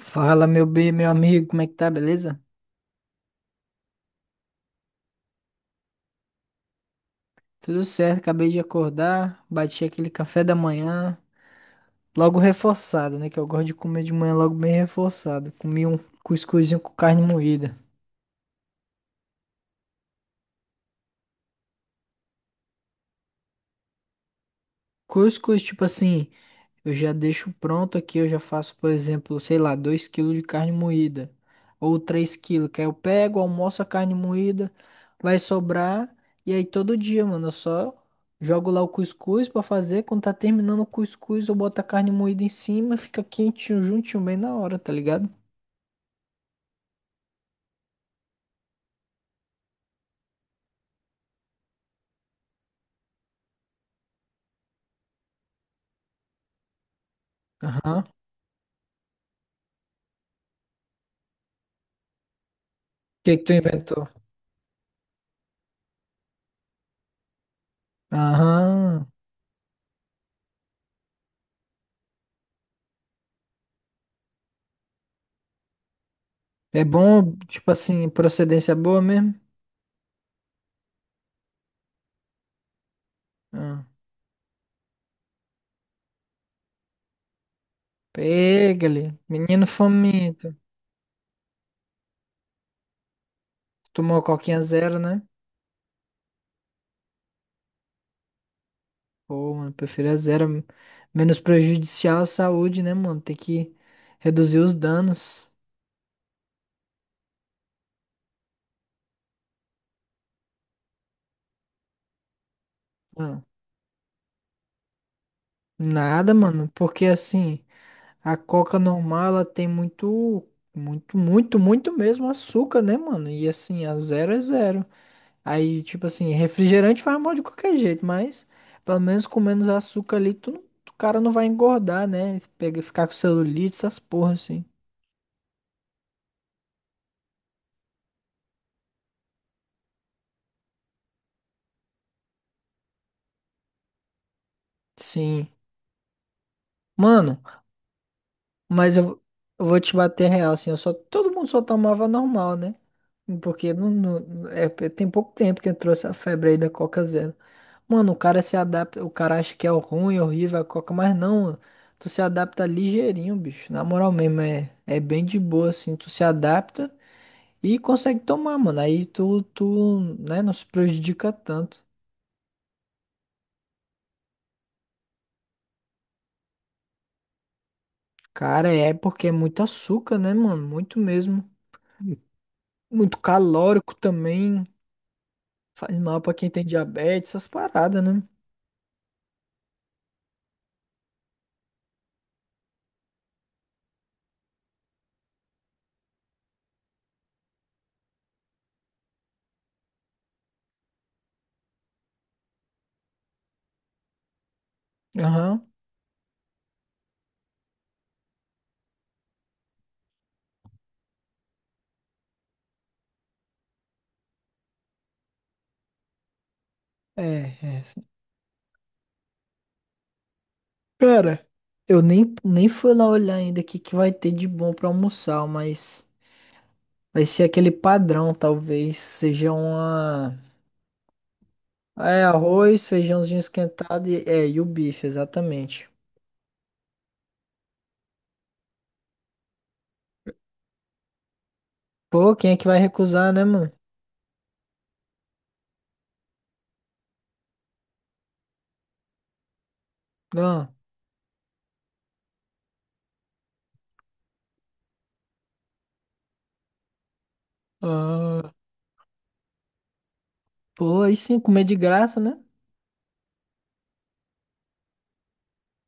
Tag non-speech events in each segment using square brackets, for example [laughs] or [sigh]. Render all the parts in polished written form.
Fala, meu bem, meu amigo, como é que tá, beleza? Tudo certo, acabei de acordar, bati aquele café da manhã, logo reforçado, né? Que eu gosto de comer de manhã logo bem reforçado. Comi um cuscuzinho com carne moída. Cuscuz, tipo assim, eu já deixo pronto aqui, eu já faço, por exemplo, sei lá, 2 quilos de carne moída ou 3 quilos. Que aí eu pego, almoço a carne moída, vai sobrar e aí todo dia, mano, eu só jogo lá o cuscuz pra fazer, quando tá terminando o cuscuz, eu boto a carne moída em cima, fica quentinho, juntinho, bem na hora, tá ligado? Aham. O que que tu inventou? Aham. É bom, tipo assim, procedência boa mesmo? Ah. Pega ali, menino fomento. Tomou a coquinha zero, né? Pô, mano, prefiro a zero. Menos prejudicial à saúde, né, mano? Tem que reduzir os danos. Ah, nada, mano. Porque assim, a coca normal, ela tem muito, muito, muito, muito mesmo açúcar, né, mano? E assim, a zero é zero. Aí, tipo assim, refrigerante vai mal de qualquer jeito, mas pelo menos com menos açúcar ali, tu, não- o cara não vai engordar, né? Pega, ficar com celulite, essas porra, assim. Sim. Mano. Mas eu vou te bater real, assim, eu só, todo mundo só tomava normal, né? Porque é, tem pouco tempo que eu trouxe a febre aí da Coca Zero. Mano, o cara se adapta, o cara acha que é ruim, horrível a Coca, mas não, mano. Tu se adapta ligeirinho, bicho. Na moral mesmo, é bem de boa, assim, tu se adapta e consegue tomar, mano. Aí tu, né, não se prejudica tanto. Cara, é porque é muito açúcar, né, mano? Muito mesmo. Muito calórico também. Faz mal pra quem tem diabetes, essas paradas, né? Aham. É, é. Cara, eu nem fui lá olhar ainda o que, que vai ter de bom pra almoçar, mas vai ser aquele padrão, talvez. Seja uma. É, arroz, feijãozinho esquentado e, é, e o bife, exatamente. Pô, quem é que vai recusar, né, mano? Ah, ah. Pô, aí sim, comer de graça, né?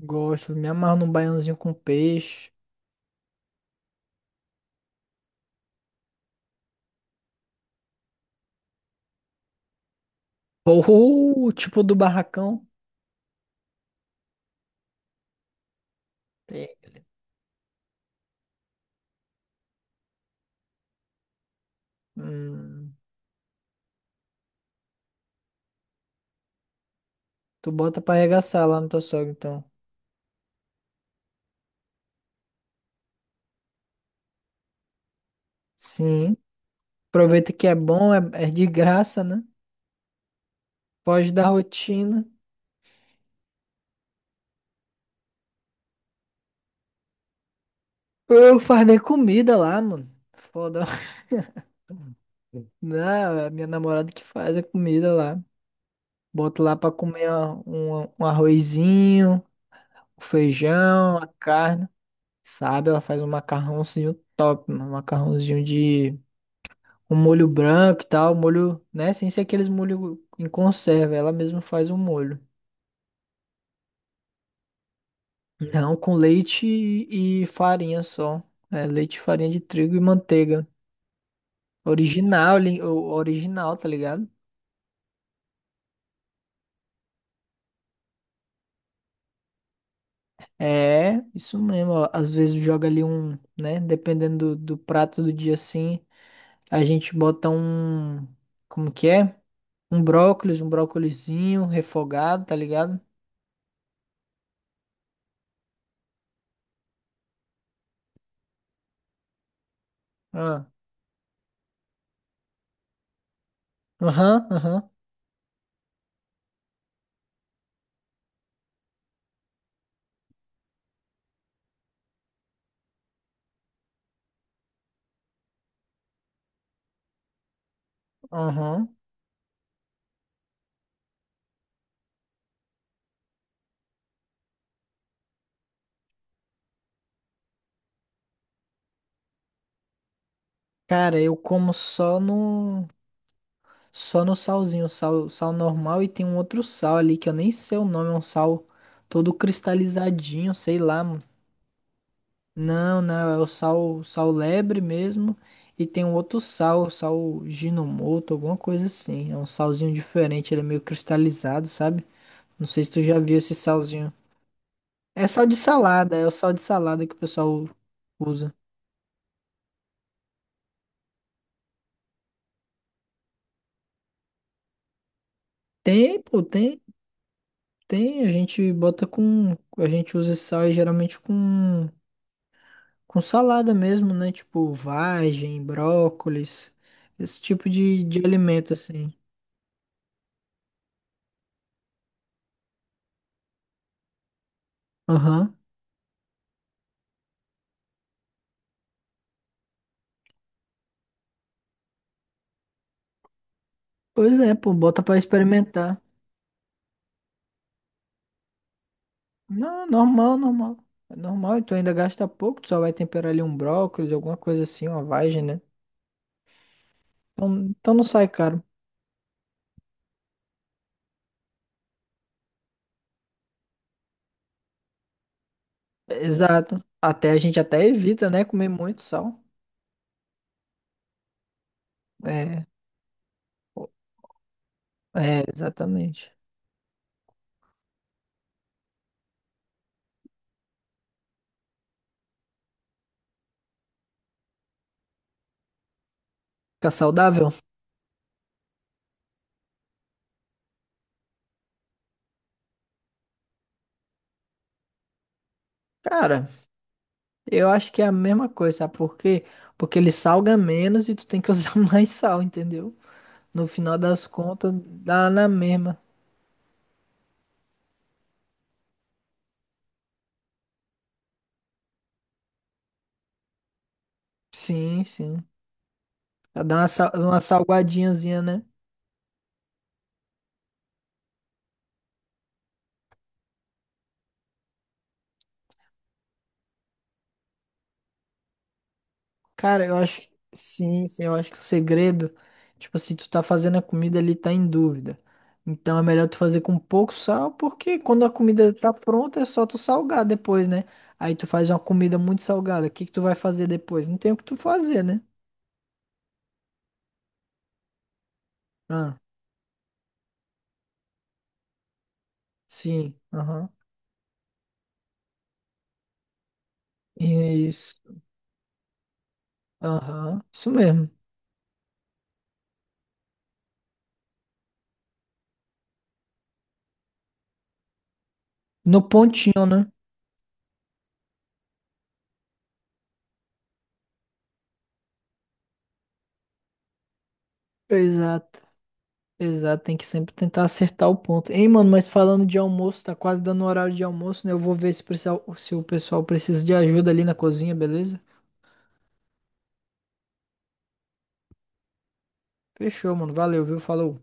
Gosto, me amarro num baiãozinho com peixe. Ou tipo do barracão. É. Hum. Tu bota pra arregaçar lá no teu sogro, então. Sim. Aproveita que é bom, é de graça, né? Pode dar rotina. Eu faz nem comida lá, mano. Foda. [laughs] Não, é a minha namorada que faz a comida lá. Boto lá pra comer um arrozinho, um feijão, a carne. Sabe? Ela faz um macarrãozinho top, mano. Macarrãozinho de um molho branco e tal. Molho, né? Sem ser aqueles molho em conserva. Ela mesma faz o molho. Não, com leite e farinha só. É, leite, farinha de trigo e manteiga. Original, original, tá ligado? É, isso mesmo. Ó. Às vezes joga ali um, né? Dependendo do prato do dia assim, a gente bota um, como que é? Um brócolis, um brócolizinho refogado, tá ligado? Ah, aham, aham, aham. Cara, eu como só no. Só no salzinho, um sal normal e tem um outro sal ali que eu nem sei o nome, é um sal todo cristalizadinho, sei lá, mano. Não, não, é o sal lebre mesmo e tem um outro sal ginomoto, alguma coisa assim. É um salzinho diferente, ele é meio cristalizado, sabe? Não sei se tu já viu esse salzinho. É sal de salada, é o sal de salada que o pessoal usa. Tem, pô, tem, a gente bota com, a gente usa esse sal aí geralmente com. Com salada mesmo, né? Tipo vagem, brócolis, esse tipo de alimento assim. Aham. Pois é, pô, bota pra experimentar. Não, normal, normal. É normal, e tu ainda gasta pouco, tu só vai temperar ali um brócolis, alguma coisa assim, uma vagem, né? Então não sai caro. Exato. Até a gente até evita, né, comer muito sal. É, é, exatamente. Fica saudável? Cara, eu acho que é a mesma coisa, sabe por quê? Porque ele salga menos e tu tem que usar [laughs] mais sal, entendeu? No final das contas, dá na mesma. Sim, sim. Dá uma, uma salgadinhazinha, né? Cara, eu acho que. Sim, sim, eu acho que o segredo, tipo assim, tu tá fazendo a comida ali, tá em dúvida. Então é melhor tu fazer com pouco sal, porque quando a comida tá pronta, é só tu salgar depois, né? Aí tu faz uma comida muito salgada. O que que tu vai fazer depois? Não tem o que tu fazer, né? Ah, sim. Aham. Isso. Aham. Isso mesmo. No pontinho, né? Exato. Exato, tem que sempre tentar acertar o ponto. Hein, mano, mas falando de almoço, tá quase dando o horário de almoço, né? Eu vou ver se, precisar, se o pessoal precisa de ajuda ali na cozinha, beleza? Fechou, mano. Valeu, viu? Falou.